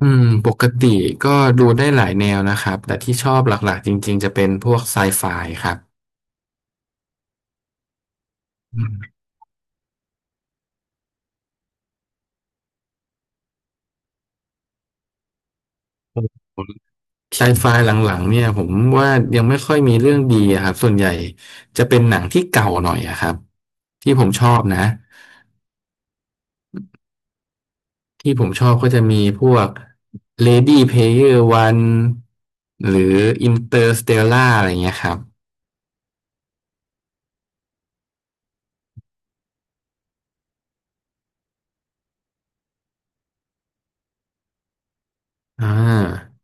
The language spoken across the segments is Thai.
ปกติก็ดูได้หลายแนวนะครับแต่ที่ชอบหลักๆจริงๆจะเป็นพวกไซไฟครับอืมไซไฟหลังๆเนี่ยผมว่ายังไม่ค่อยมีเรื่องดีอะครับส่วนใหญ่จะเป็นหนังที่เก่าหน่อยอะครับที่ผมชอบนะที่ผมชอบก็จะมีพวก Lady Player One หรือ Interstellar อะไรเงี้ยครับอ่า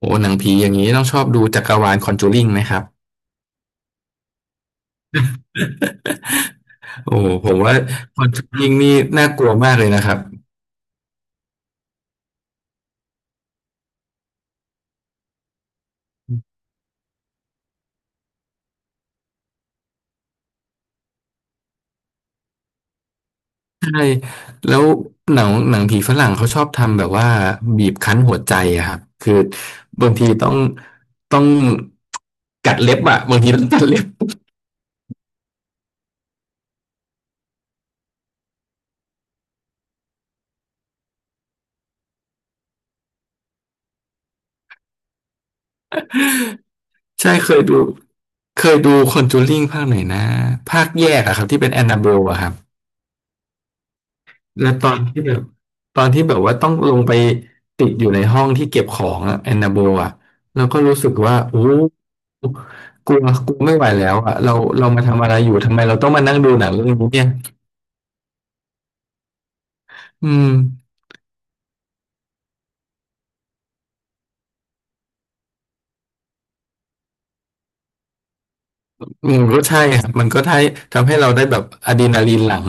โอ้หนังผีอย่างนี้ต้องชอบดูจักรวาล Conjuring ไหมครับ โอ้โหผมว่าคอนชูริงนี่น่ากลัวมากเลยนะครับแล้วหนังหนังผีฝรั่งเขาชอบทำแบบว่าบีบคั้นหัวใจอะครับคือบางทีต้องต้องกัดเล็บอะบางทีต้องกัดเล็บใช่เคยดูเคยดูคอนจูริงภาคไหนนะภาคแยกอะครับที่เป็นแอนนาเบลอะครับ แล้วตอนที่แบบตอนที่แบบว่าต้องลงไปติดอยู่ในห้องที่เก็บของอะแอนนาโบอะเราก็รู้สึกว่าโอ้กลัวกลัวไม่ไหวแล้วอะเราเรามาทำอะไรอยู่ทำไมเราต้องมานั่งดูหนังเรื่องนี้เนี่ยอืมมันก็ใช่ครับมันก็ทำทำให้เราได้แบบอะดรีนาลีนหลั่ง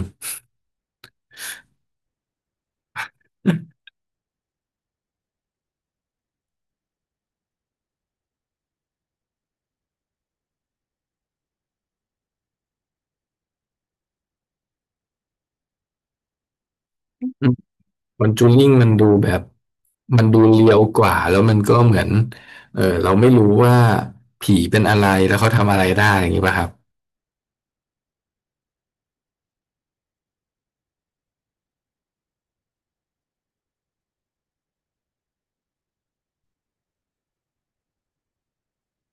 อืมคอนจูริ่งมันดูแบบมันดูเรียวกว่าแล้วมันก็เหมือนเออเราไม่รู้ว่าผีเป็นอะไรแล้วเขาทำอะไรได้อย่างนี้ป่ะครับ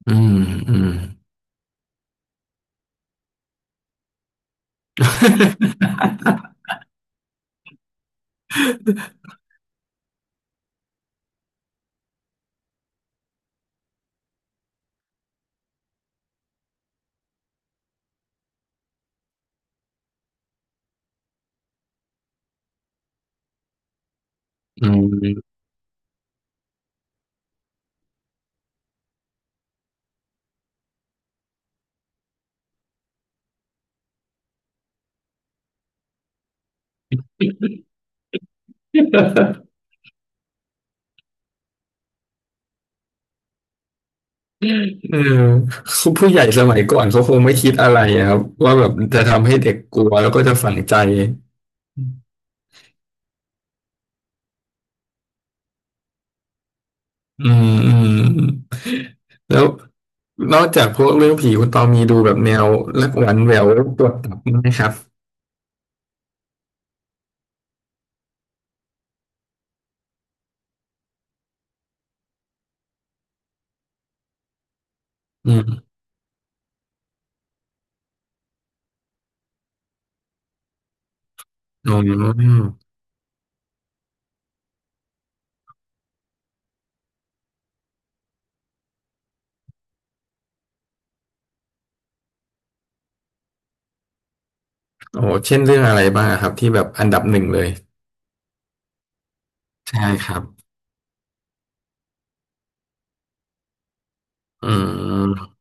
อืมอืม อืม เออผู้ใหญ่สมัยก่อนเขาคงไม่คิดอะไรอะครับว่าแบบจะทำให้เด็กกลัวแล้วก็จะฝังใจอืมอืมอืมแล้วนอกจากพวกเรื่องผีคุณตองมีดูแบบแนวรักหวานแหววปวดตับไหมครับอืมอ๋อโอ้เช่นเรื่องอะไรบ้างอะครับที่แบบอันดับหนึ่งเลยใช่ครับอืม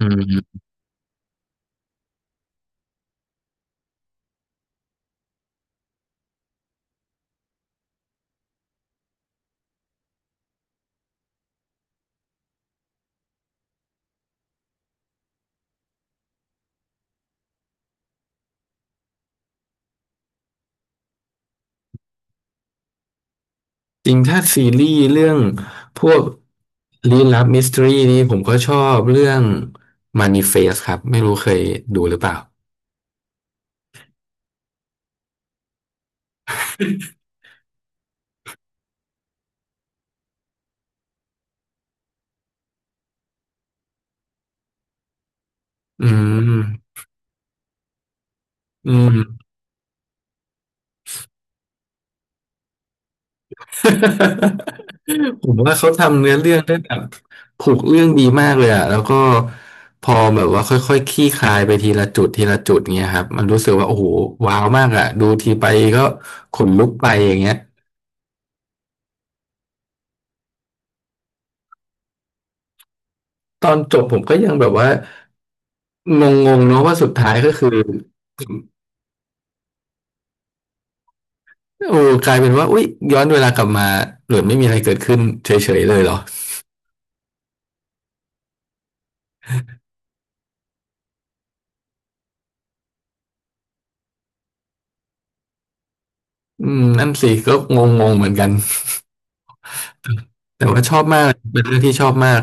อืม จริงถ้าซีรีส์เรื่องพวกลี้ลับมิส t ทรีนี่ผมก็ชอบเรื่อง Manifest ครับไม่รู้เคยดูหรือเปล่าอืมอืม ผมว่าเขาทำเนื้อเรื่องได้แบบผูกเรื่องดีมากเลยอะแล้วก็พอแบบว่าค่อยๆคลี่คลายไปทีละจุดทีละจุดเงี้ยครับมันรู้สึกว่าโอ้โหว้าวมากอะดูทีไปก็ขนลุกไปอย่างเงี้ยตอนจบผมก็ยังแบบว่างงๆเนาะว่าสุดท้ายก็คือ โอ้กลายเป็นว่าอุยย้อนเวลากลับมาหรือไม่มีอะไรเกิดขึ้นเฉยๆเลยเหรอนั่นสิก็งงๆเหมือนกันแต่ว่าชอบมากเป็นเรื่องที่ชอบมาก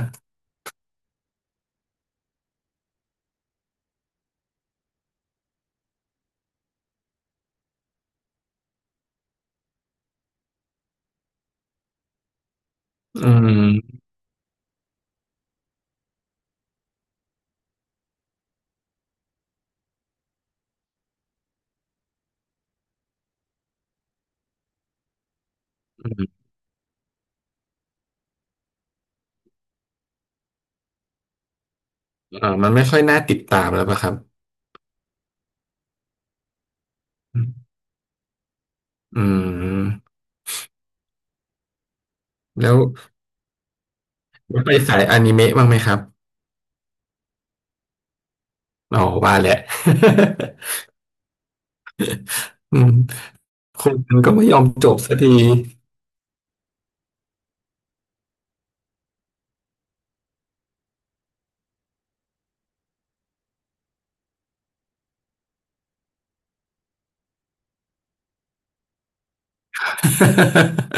อืมอืมมันไม่ค่อยน่าติดตามแล้วปะครับอืมแล้วแล้วไปสายอนิเมะบ้างไหมครับอ๋อว่าแหละ อืมคนมันก็ไม่ยอมจบสักที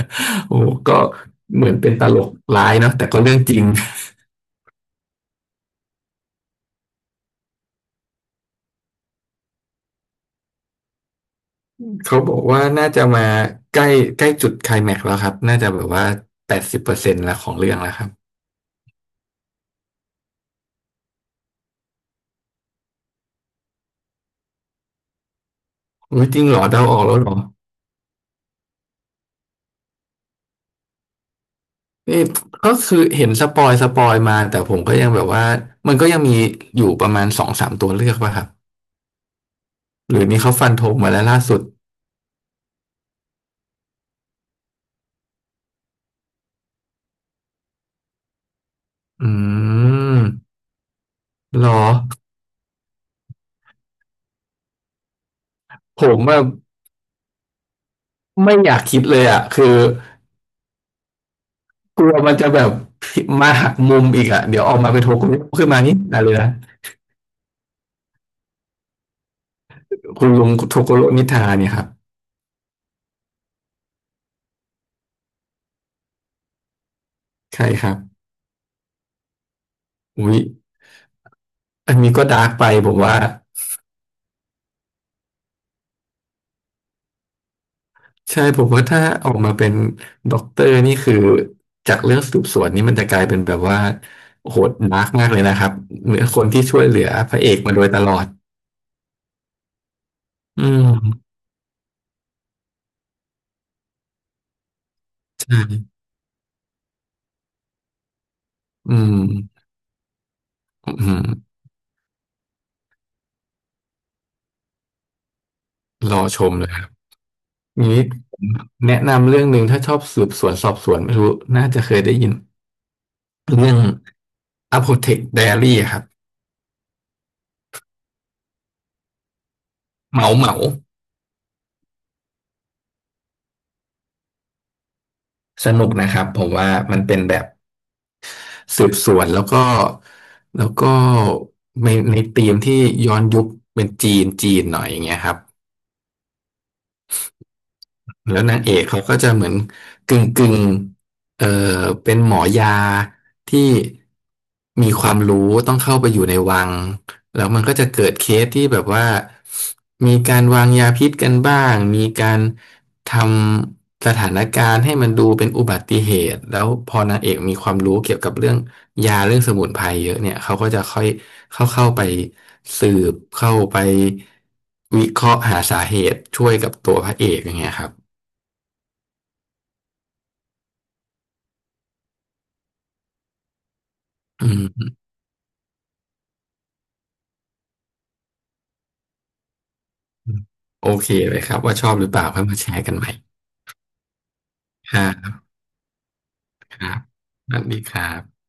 โอ้ก็เหมือนเป็นตลกร้ายเนาะแต่ก็เรื่องจริง เขาบอกว่าน่าจะมาใกล้ใกล้จุดไคลแม็กซ์แล้วครับน่าจะแบบว่า80%ละของเรื่องแล้วครับอุ๊ยจริงเหรอเดาออกแล้วเหรอนี่ก็คือเห็นสปอยสปอยมาแต่ผมก็ยังแบบว่ามันก็ยังมีอยู่ประมาณสองสามตัวเลือกป่ะครับหรือนี่เขาฟันธงมาแล้วล่าสุดอืมเหรอผมว่าไม่อยากคิดเลยอ่ะคือกลัวมันจะแบบมาหักมุมอีกอ่ะเดี๋ยวออกมาเป็นโทโกโร่ขึ้นมานี่ได้เลยนะคุณลุงโทโกโร่นิทาเนี่ยครับใช่ครับ อุ๊ยอันนี้ก็ดาร์กไปผมว่าใช่ผมว่าถ้าออกมาเป็นด็อกเตอร์นี่คือจากเรื่องสืบสวนนี่มันจะกลายเป็นแบบว่าโหดดาร์กมากเลยนะครับเหมือนคนที่ช่วยเหลือพระเอกมาโดยตลอดอืมใช่อืมอืมรอชมเลยครับนี้ผมแนะนำเรื่องหนึ่งถ้าชอบสืบสวนสอบสวนไม่รู้น่าจะเคยได้ยินเรื่อง Apothec Diary ครับเหมาเหมาสนุกนะครับผมว่ามันเป็นแบบ สืบสวนแล้วก็แล้วก็ในในธีมที่ย้อนยุคเป็นจีนจีนหน่อยอย่างเงี้ยครับ แล้วนางเอกเขาก็จะเหมือนกึ่งกึ่งเออเป็นหมอยาที่มีความรู้ต้องเข้าไปอยู่ในวัง แล้วมันก็จะเกิดเคสที่แบบว่ามีการวางยาพิษกันบ้างมีการทำสถานการณ์ให้มันดูเป็นอุบัติเหตุ แล้วพอนางเอกมีความรู้เกี่ยวกับเรื่องยาเรื่องสมุนไพรเยอะเนี่ยเขาก็จะค่อยเข้าเข้าไปสืบเข้าไปวิเคราะห์หาสาเหตุช่วยกับตัวพระเอกอย่างเงี้ยครับ อืมอืมโอเคเลยครับว่าชอบหรือเปล่าค่อยมาแชร์กันใหม่ครับครับสวัสดีครับ